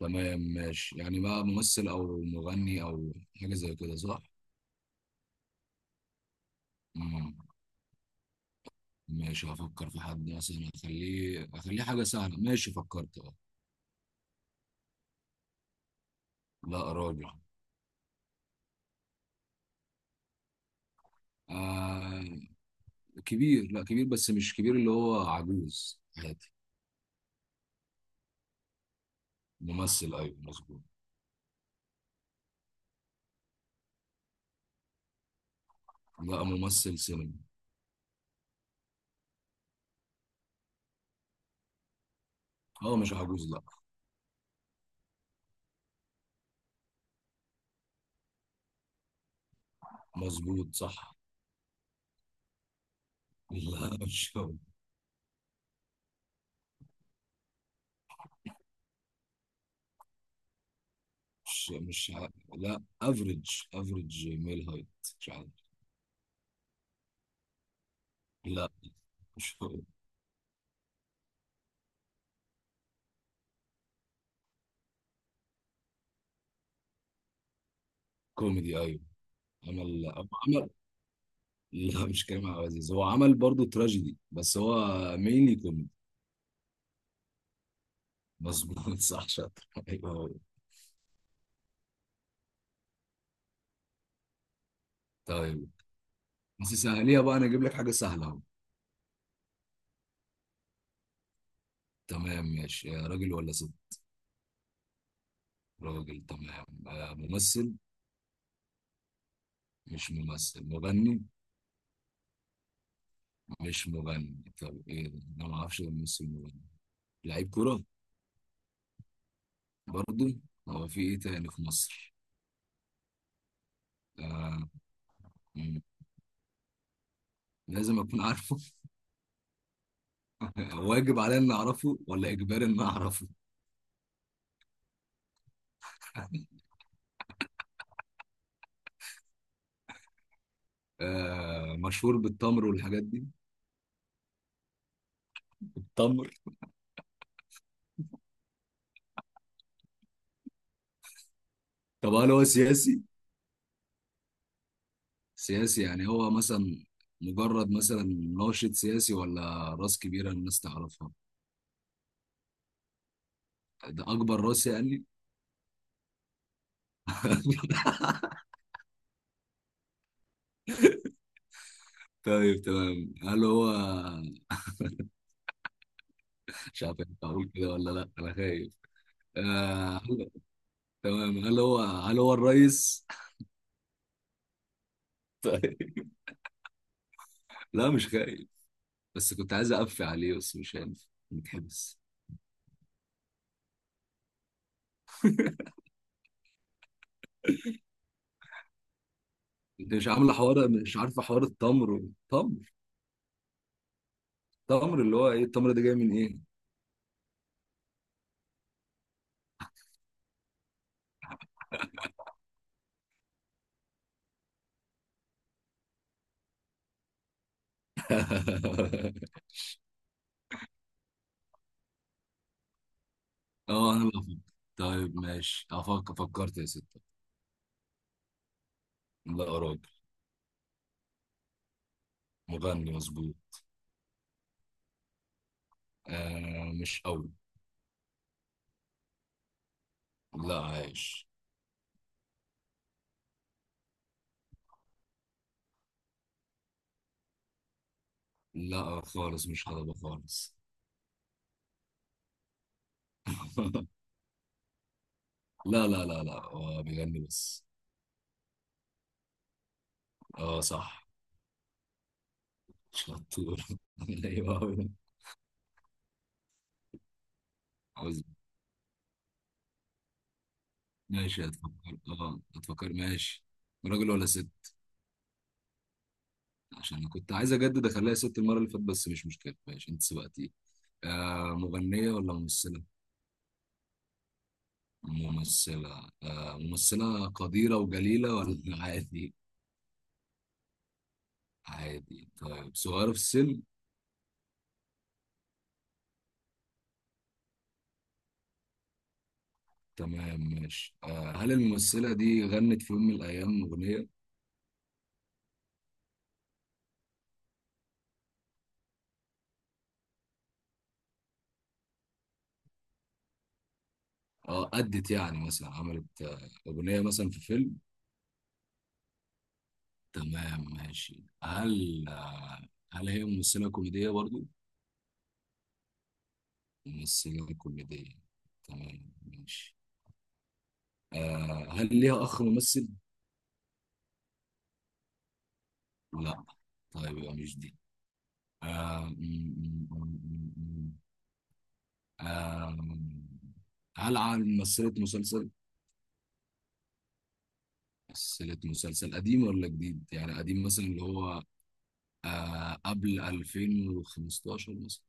تمام ماشي، يعني بقى ممثل او مغني او حاجه زي كده صح؟ مم. ماشي هفكر في حد، مثلا اخليه حاجه سهله. ماشي، فكرت، اه. لا راجل. آه كبير، لا كبير بس مش كبير اللي هو عجوز، عادي. ممثل، ايوه مظبوط. لا، ممثل سينما. اه مش عجوز، لا. مظبوط صح. لا مش هو. مش مش ع- لا افريج. افريج ميل هايت. مش عارف. لا مش هو. كوميدي ايوه. عمل عمل لا مش كريم عبد العزيز، هو عمل برضه تراجيدي بس هو مينلي كوميدي. مظبوط صح، شاطر ايوه هو. طيب، بس سهليها بقى، انا اجيب لك حاجه سهله اهو. تمام ماشي، راجل ولا ست؟ راجل، تمام. ممثل. مش ممثل، مغني. مش مغني؟ طب ايه ده؟ انا ما اعرفش غير ممثل مغني. لعيب كوره؟ برضه. هو في ايه تاني في مصر؟ آه. مم. لازم اكون عارفه؟ واجب عليا اني اعرفه ولا اجباري اني اعرفه؟ آه، مشهور بالتمر والحاجات دي. التمر. طب هل هو سياسي؟ سياسي، يعني هو مثلا مجرد مثلا ناشط سياسي، ولا راس كبيرة الناس تعرفها؟ ده أكبر راس يعني؟ طيب تمام. هل هو مش عارف أنت، أقول كده ولا لأ، أنا خايف. آه... هل- تمام، هل هو الرئيس؟ طيب. لا مش خايف، بس كنت عايز أقفي عليه بس مش عارف، متحبس. أنت مش عاملة حوار، مش عارفة حوار التمر. تمر. تمر اللي هو إيه التمر ده جاي من إيه؟ اه، انا اللي افكر؟ طيب ماشي افكر. فكرت يا ستة. لا راجل. مغني، مظبوط. آه مش قوي. لا عايش. لا خالص، مش هضبة خالص. لا لا لا لا، هو بيغني بس. اه صح. شطور. ايوه أوي. عاوز. ماشي هتفكر. اه هتفكر، ماشي. راجل ولا ست؟ عشان انا كنت عايز اجدد اخليها ست، المرة اللي فاتت بس مش مشكلة، ماشي انت سبقتي. مغنية ولا ممثلة؟ ممثلة، ممثلة قديرة وجليلة ولا عادي؟ عادي، طيب. صغيرة في السن؟ تمام ماشي، هل الممثلة دي غنت في يوم من الأيام أغنية؟ اه أدت، يعني مثلا عملت أغنية مثلا في فيلم؟ تمام ماشي. هل هل هي ممثلة كوميدية برضو؟ ممثلة كوميدية، تمام ماشي. هل ليها أخ ممثل؟ لا. طيب يبقى مش دي. آه آم، هل على ممثلة مسلسل؟ ممثلة مسلسل قديم ولا جديد؟ يعني قديم مثلا اللي هو قبل 2015 مثلا،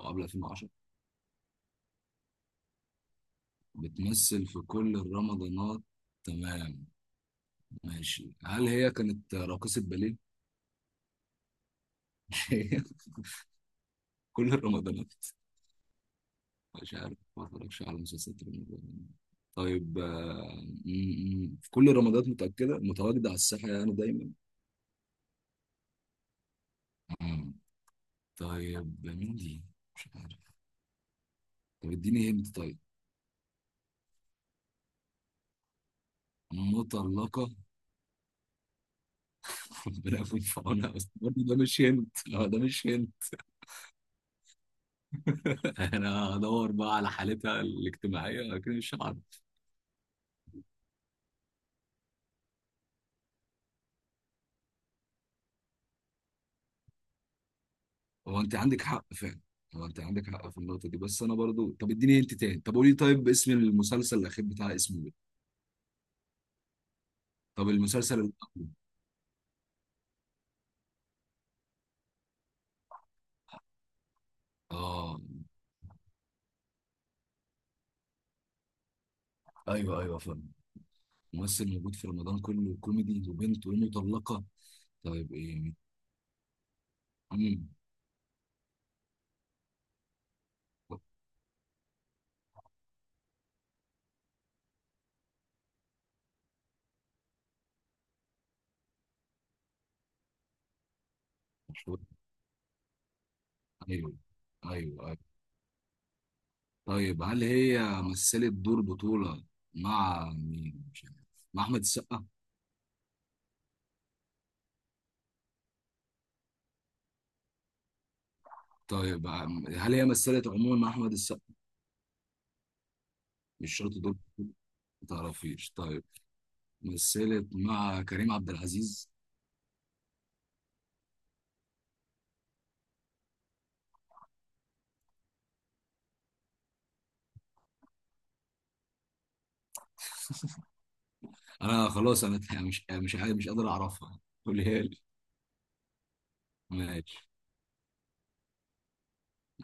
أو قبل 2010. بتمثل في كل الرمضانات، تمام ماشي. هل هي كانت راقصة باليه؟ كل الرمضانات؟ مش عارف، ما اتفرجش على مسلسلات رمضان. طيب في كل الرمضانات، متأكدة متواجدة على الساحة يعني دايما؟ آه. طيب مين دي؟ مش عارف. طب اديني هنت، طيب. مطلقة. ربنا يكون في عونها، بس برضه ده مش هنت، لا ده مش هنت. انا هدور بقى على حالتها الاجتماعية، لكن مش عارف. هو انت عندك حق فعلا. هو انت عندك حق في النقطة دي بس انا برضو، طب اديني هنت تاني. طب قولي طيب، اسم المسلسل الأخير بتاع، اسمه ايه؟ طب المسلسل الأول. اه ايوه ايوه فاهم. ممثل موجود في رمضان كله، كوميدي وبنت ومطلقة. طيب ايه؟ مم. مشهور. ايوه ايوه أيوه. طيب هل هي مثلت دور بطولة مع مين؟ مش عارف. مع أحمد السقا؟ طيب هل هي مثلت عموما مع أحمد السقا، مش شرط دور بطولة؟ ما تعرفيش، طيب. مثلت مع كريم عبد العزيز؟ أنا خلاص، أنا مش عارف، مش قادر أعرفها. قوليها لي. ماشي.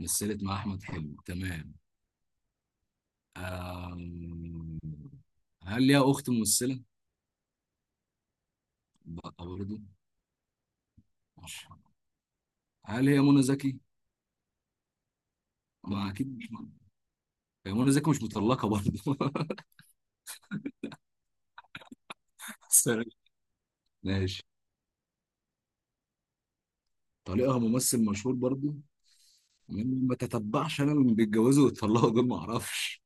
مثلت مع أحمد حلمي، تمام. أم... هل ليها أخت ممثلة؟ لا، برضه مش. هل هي منى زكي؟ ما أكيد مش منى. هي منى زكي مش مطلقة برضه. ماشي. طليقها ممثل مشهور برضو. ما تتبعش، انا اللي بيتجوزوا ويتطلقوا دول ما اعرفش.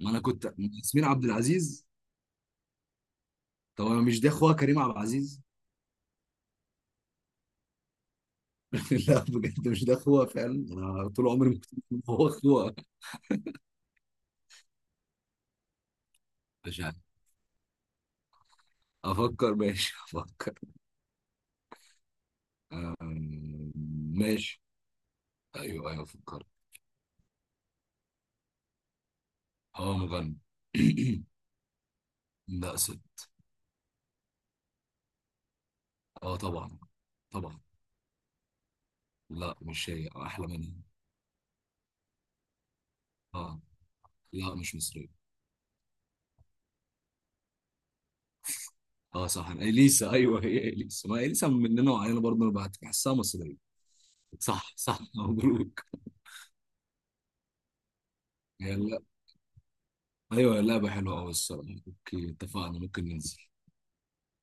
ما انا كنت ياسمين عبد العزيز. طب انا، مش ده اخوها كريم عبد العزيز؟ لا بجد، مش ده اخوها فعلا، انا طول عمري ما كنت عارف إن هو اخوها. مش عارف. افكر، ماشي افكر. أم، ماشي ايوه ايوه فكرت. اه مغني. لا ست. اه طبعا، طبعا. لا مش هي، احلى منها. اه. لا مش مصرية. اه صح، اليسا، ايوه هي اليسا، ما اليسا مننا وعلينا برضه، انا بعت بحسها مصريه. صح صح مبروك. يلا. ايوه اللعبه حلوه قوي الصراحه، اوكي اتفقنا، ممكن ننزل.